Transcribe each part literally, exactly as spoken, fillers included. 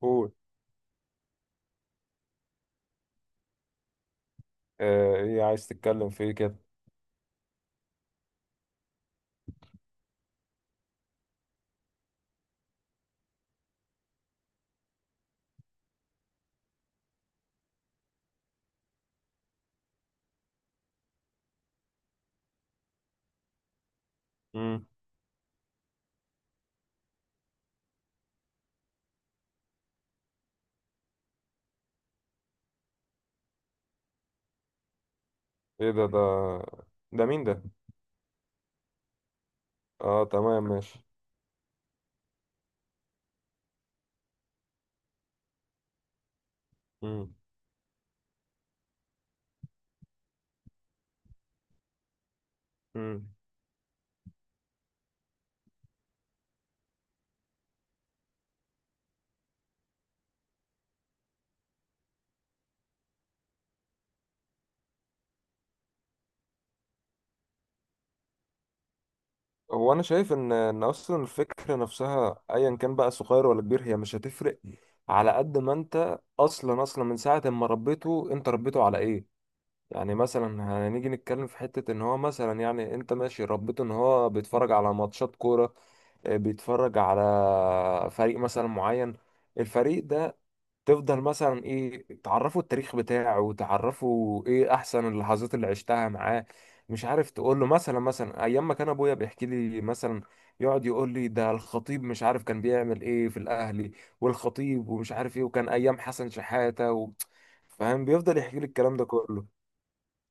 قول. آه، ايه عايز تتكلم في ايه كده؟ مم. ايه ده. ده ده مين ده؟ اه، تمام ماشي. مم. مم. هو انا شايف ان ان اصلا الفكره نفسها، ايا كان بقى صغير ولا كبير، هي مش هتفرق. على قد ما انت اصلا اصلا من ساعه ما ربيته، انت ربيته على ايه؟ يعني مثلا، هنيجي نتكلم في حته ان هو مثلا، يعني انت ماشي ربيته ان هو بيتفرج على ماتشات كوره. آه، بيتفرج على فريق مثلا معين، الفريق ده. تفضل مثلا، ايه، تعرفوا التاريخ بتاعه وتعرفوا ايه احسن اللحظات اللي عشتها معاه. مش عارف، تقول له مثلا مثلا ايام ما كان ابويا بيحكي لي مثلا، يقعد يقول لي ده الخطيب مش عارف كان بيعمل ايه في الاهلي، والخطيب ومش عارف ايه، وكان ايام حسن شحاتة و... فاهم، بيفضل يحكي لي الكلام ده كله.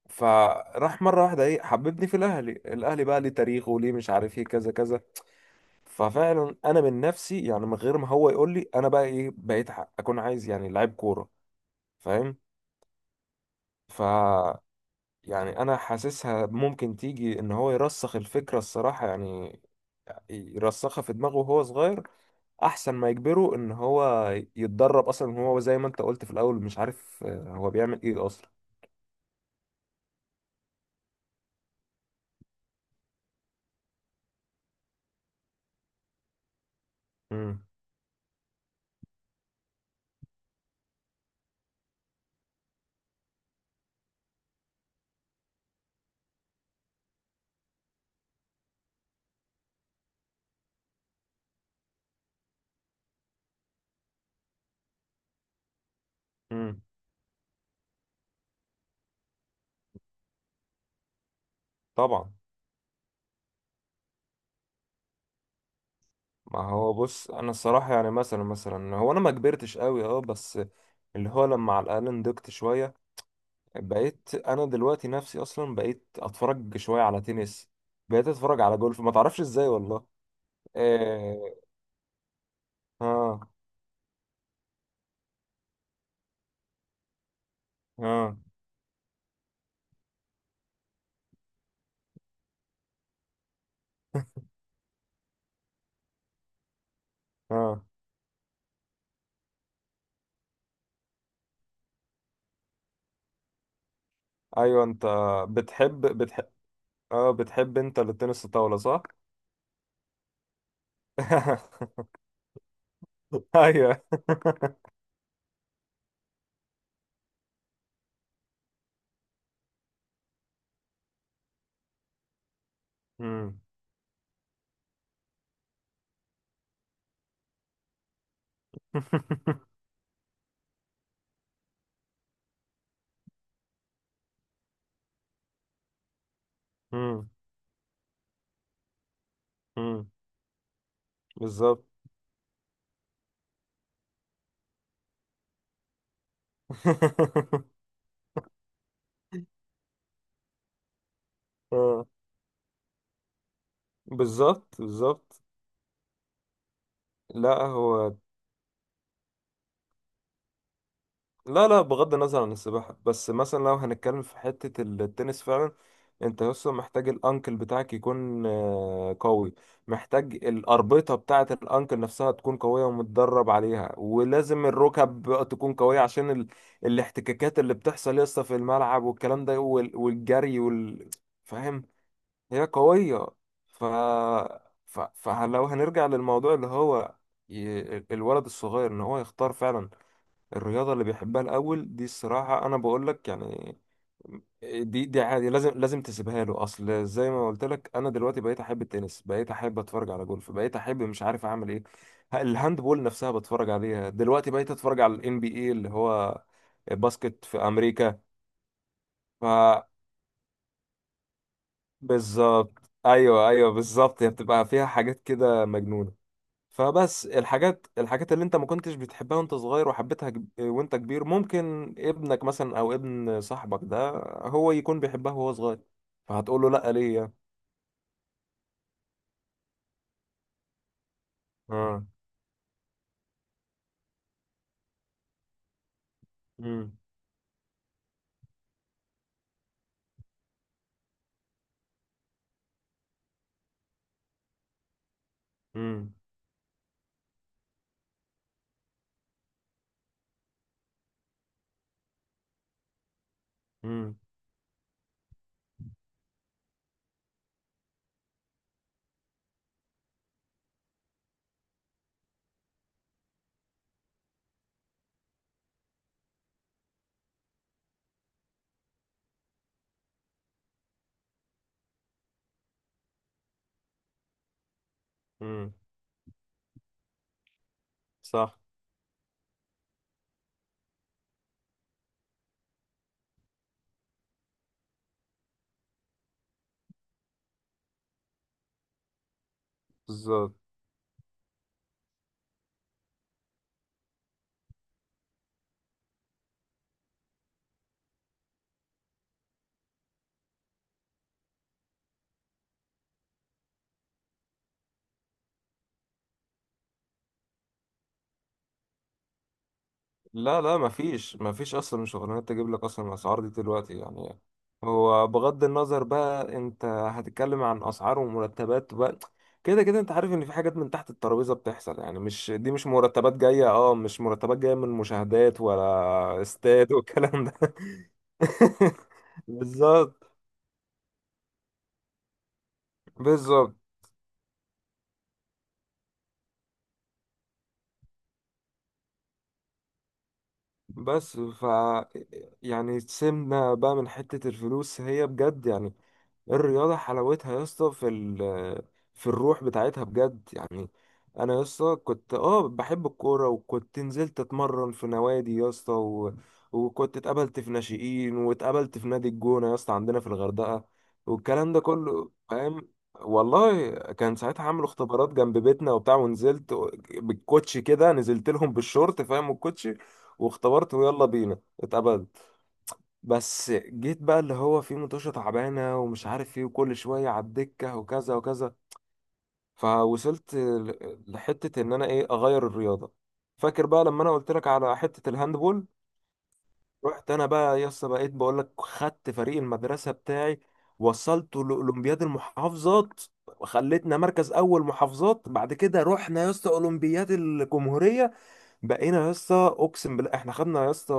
فراح مرة واحدة، ايه، حببني في الاهلي. الاهلي بقى ليه تاريخه، وليه مش عارف ايه، كذا كذا. ففعلا انا من نفسي يعني، من غير ما هو يقول لي، انا بقى ايه، بقيت ح- اكون عايز يعني لعيب كورة، فاهم. ف يعني انا حاسسها ممكن تيجي ان هو يرسخ الفكره الصراحه يعني، يرسخها في دماغه وهو صغير، احسن ما يجبره ان هو يتدرب اصلا. هو زي ما انت قلت في الاول، مش عارف آه، هو بيعمل ايه اصلا. امم. امم. طبعا. ما هو بص، انا الصراحه يعني مثلا مثلا هو انا ما كبرتش قوي، اه بس اللي هو لما على الاقل نضجت شويه، بقيت انا دلوقتي نفسي اصلا بقيت اتفرج شويه على تنس، بقيت اتفرج على جولف، ما تعرفش ازاي والله. إيه. اه. اه. اه. ايوه، انت بتحب بتحب اه، بتحب انت التنس الطاولة، صح؟ ايوه. مم. مم. مم. بالظبط. اه، بالظبط بالظبط. لا، هو، لا لا، بغض النظر عن السباحة، بس مثلا لو هنتكلم في حتة التنس فعلا، انت لسه محتاج الانكل بتاعك يكون آه، قوي. محتاج الأربطة بتاعة الانكل نفسها تكون قوية ومتدرب عليها، ولازم الركب تكون قوية عشان ال... الاحتكاكات اللي بتحصل لسه في الملعب والكلام ده وال... والجري وال... فاهم. هي قوية. ف... ف... فلو هنرجع للموضوع اللي هو، ي- الولد الصغير ان هو يختار فعلا الرياضة اللي بيحبها الأول. دي الصراحة أنا بقول لك يعني، دي دي عادي، لازم لازم تسيبها له. أصل زي ما قلت لك، أنا دلوقتي بقيت أحب التنس، بقيت أحب أتفرج على جولف، بقيت أحب مش عارف أعمل إيه. ه- الهاند بول نفسها بتفرج عليها دلوقتي، بقيت أتفرج على ال إن بي إيه اللي هو باسكت في أمريكا. ف بالظبط، أيوه أيوه، بالظبط هي بتبقى فيها حاجات كده مجنونة. فبس الحاجات الحاجات اللي انت ما كنتش بتحبها وانت صغير وحبيتها كب- وانت كبير، ممكن ابنك مثلا او ابن صاحبك ده هو يكون بيحبها وهو صغير. فهتقول له لا؟ ليه يعني؟ اه. امم. امم. امم. امم. صح. بالظبط. لا لا، مفيش مفيش اصلا شغلانات تجيب لك اصلا الاسعار دي دلوقتي يعني. هو بغض النظر بقى، انت هتتكلم عن اسعار ومرتبات بقى. كده كده انت عارف ان في حاجات من تحت الترابيزه بتحصل يعني، مش دي، مش مرتبات جايه، اه مش مرتبات جايه من مشاهدات ولا استاد والكلام ده. بالظبط بالظبط. بس ف يعني سيبنا بقى من حتة الفلوس، هي بجد يعني، الرياضة حلاوتها يا اسطى في ال في الروح بتاعتها بجد يعني. انا يا اسطى كنت، اه بحب الكورة وكنت نزلت اتمرن في نوادي يا اسطى و... وكنت اتقابلت في ناشئين واتقابلت في نادي الجونة يا اسطى عندنا في الغردقة، والكلام ده كله فاهم. والله كان ساعتها عاملوا اختبارات جنب بيتنا وبتاع، ونزلت بالكوتشي كده، نزلت لهم بالشورت، فاهم، الكوتشي، واختبرت ويلا بينا اتقبلت. بس جيت بقى اللي هو في متوشة تعبانة ومش عارف ايه، وكل شوية على الدكة وكذا وكذا، فوصلت ل- لحتة ان انا، ايه، اغير الرياضة. فاكر بقى لما انا قلت لك على حتة الهاندبول، رحت انا بقى يس، بقيت بقول لك، خدت فريق المدرسة بتاعي، وصلته لاولمبياد المحافظات، وخلتنا مركز اول محافظات. بعد كده رحنا يا اسطى اولمبياد الجمهورية، بقينا يا اسطى، اقسم بالله احنا خدنا يا اسطى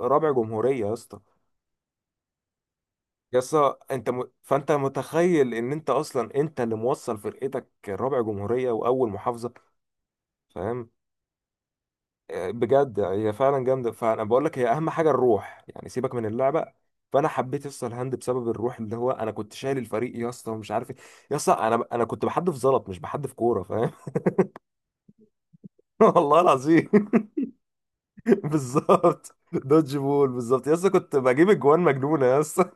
رابع جمهوريه يا اسطى. يا اسطى انت م... فانت متخيل ان انت اصلا انت اللي موصل فرقتك رابع جمهوريه واول محافظه، فاهم. آه، بجد هي فعلا جامده. فانا بقول لك هي اهم حاجه الروح، يعني سيبك من اللعبه. فانا حبيت يا اسطى الهاند بسبب الروح، اللي هو انا كنت شايل الفريق يا اسطى ومش عارف ايه. يا اسطى، انا انا كنت بحدف زلط، مش بحدف كوره، فاهم. والله العظيم. بالظبط، دوج بول بالظبط، يا اسطى كنت بجيب اجوان مجنونه يا اسطى.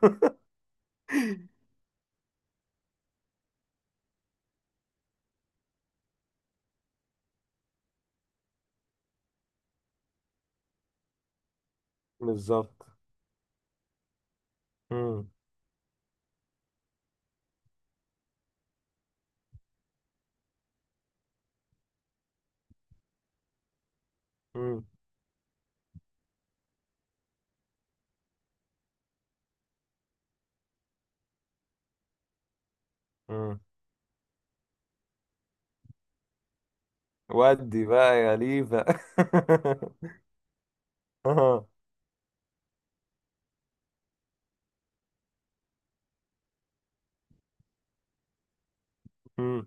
بالظبط. مم. مم. مم. ودي بقى يا ليفا. آه. مم.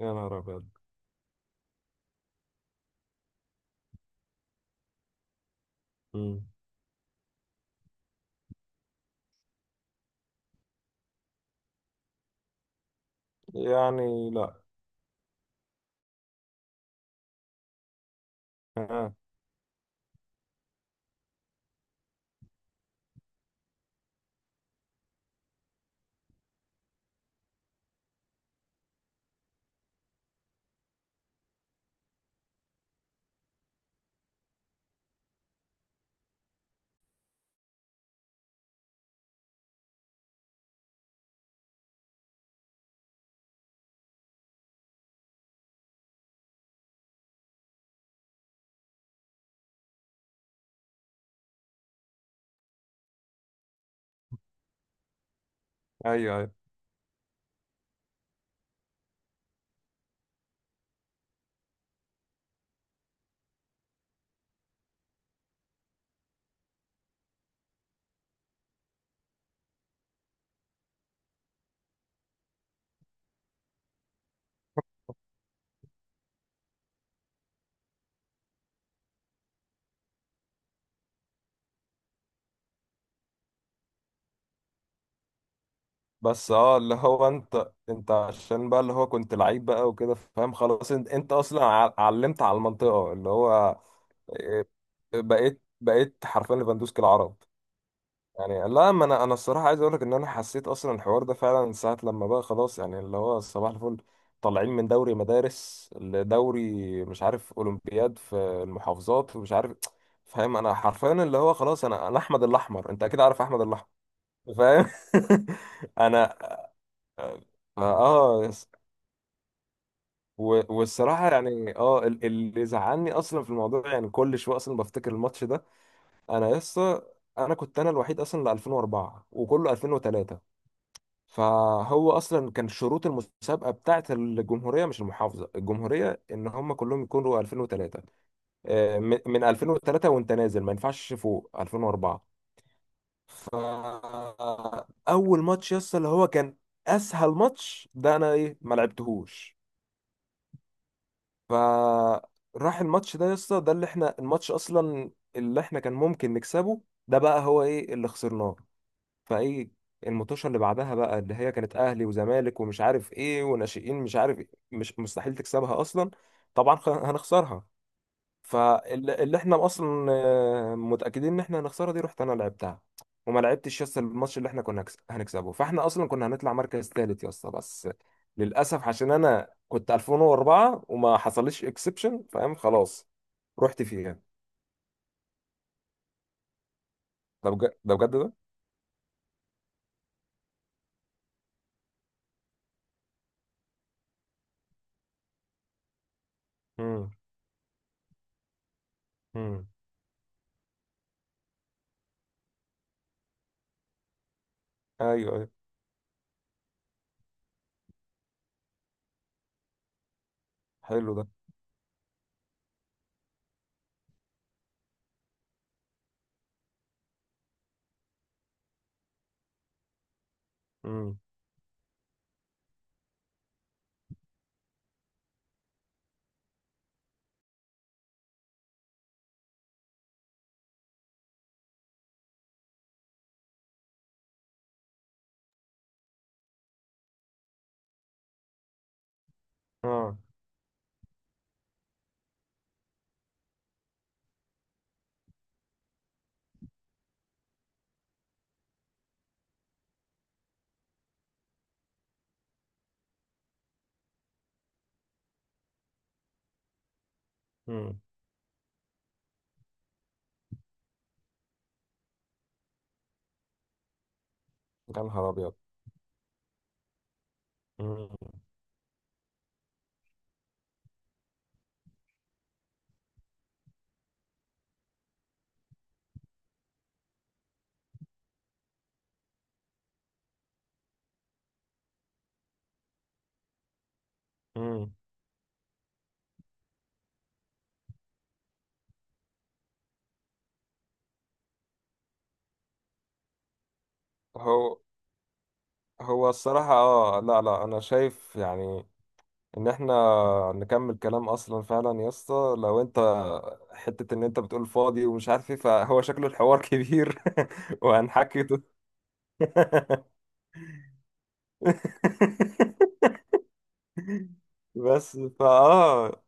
يا نهار ابيض. مم. يعني لا. آه. ايوه ايوه. بس، اه، اللي هو انت انت عشان بقى اللي هو كنت لعيب بقى وكده، فاهم، خلاص انت, انت اصلا ع- علمت على المنطقة اللي هو. إيه، بقيت بقيت حرفيا ليفاندوسكي العرب. يعني لا، ما انا انا الصراحه عايز اقول لك ان انا حسيت اصلا الحوار ده فعلا ساعه لما بقى خلاص، يعني اللي هو صباح الفل، طالعين من دوري مدارس لدوري، مش عارف اولمبياد في المحافظات ومش عارف، فاهم. انا حرفيا اللي هو خلاص، انا انا احمد الاحمر، انت اكيد عارف احمد الاحمر، فاهم. انا، اه، آه، يس. و- والصراحه يعني اه ال- اللي زعلني اصلا في الموضوع يعني، كل شويه اصلا بفتكر الماتش ده. انا لسه، انا كنت انا الوحيد اصلا ل ألفين واربعه وكله ألفين وتلاته. فهو اصلا كان شروط المسابقه بتاعه الجمهوريه، مش المحافظه، الجمهوريه، ان هم كلهم يكونوا ألفين وتلاته. آه، من من ألفين وتلاته وانت نازل، ما ينفعش فوق ألفين واربعه. فاول ماتش، يس اللي هو كان اسهل ماتش، ده انا ايه ما لعبتهوش. فراح الماتش ده يس، ده اللي احنا الماتش اصلا اللي احنا كان ممكن نكسبه، ده بقى هو ايه اللي خسرناه. فايه المطوشه اللي بعدها بقى، اللي هي كانت اهلي وزمالك ومش عارف ايه وناشئين مش عارف إيه، مش مستحيل تكسبها اصلا، طبعا خ- هنخسرها. فاللي احنا اصلا آه، متاكدين ان احنا هنخسرها دي، رحت انا لعبتها. وما لعبتش يس الماتش اللي احنا كنا هنكس- هنكسبه، فاحنا اصلا كنا هنطلع مركز ثالث يس، بس للاسف عشان انا كنت ألفين واربعه وما حصلش اكسبشن، فاهم خلاص، رحت فيها. ده بجد، ده بجد ده. امم. امم. ايوه ايوه. حلو ده. امم. اه. يا نهار ابيض. مم. مم. هو هو الصراحة، اه، لا لا، انا شايف يعني ان احنا نكمل كلام اصلا فعلا يا اسطى، لو انت حتة ان انت بتقول فاضي ومش عارف ايه، فهو شكله الحوار كبير. وهنحكي طول- بس فاه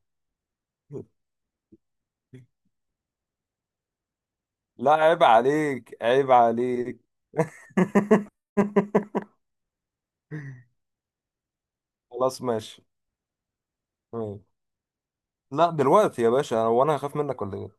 لا عيب عليك، عيب عليك. خلاص ماشي. ماشي. لا، دلوقتي يا باشا، هو انا هخاف منك ولا ايه؟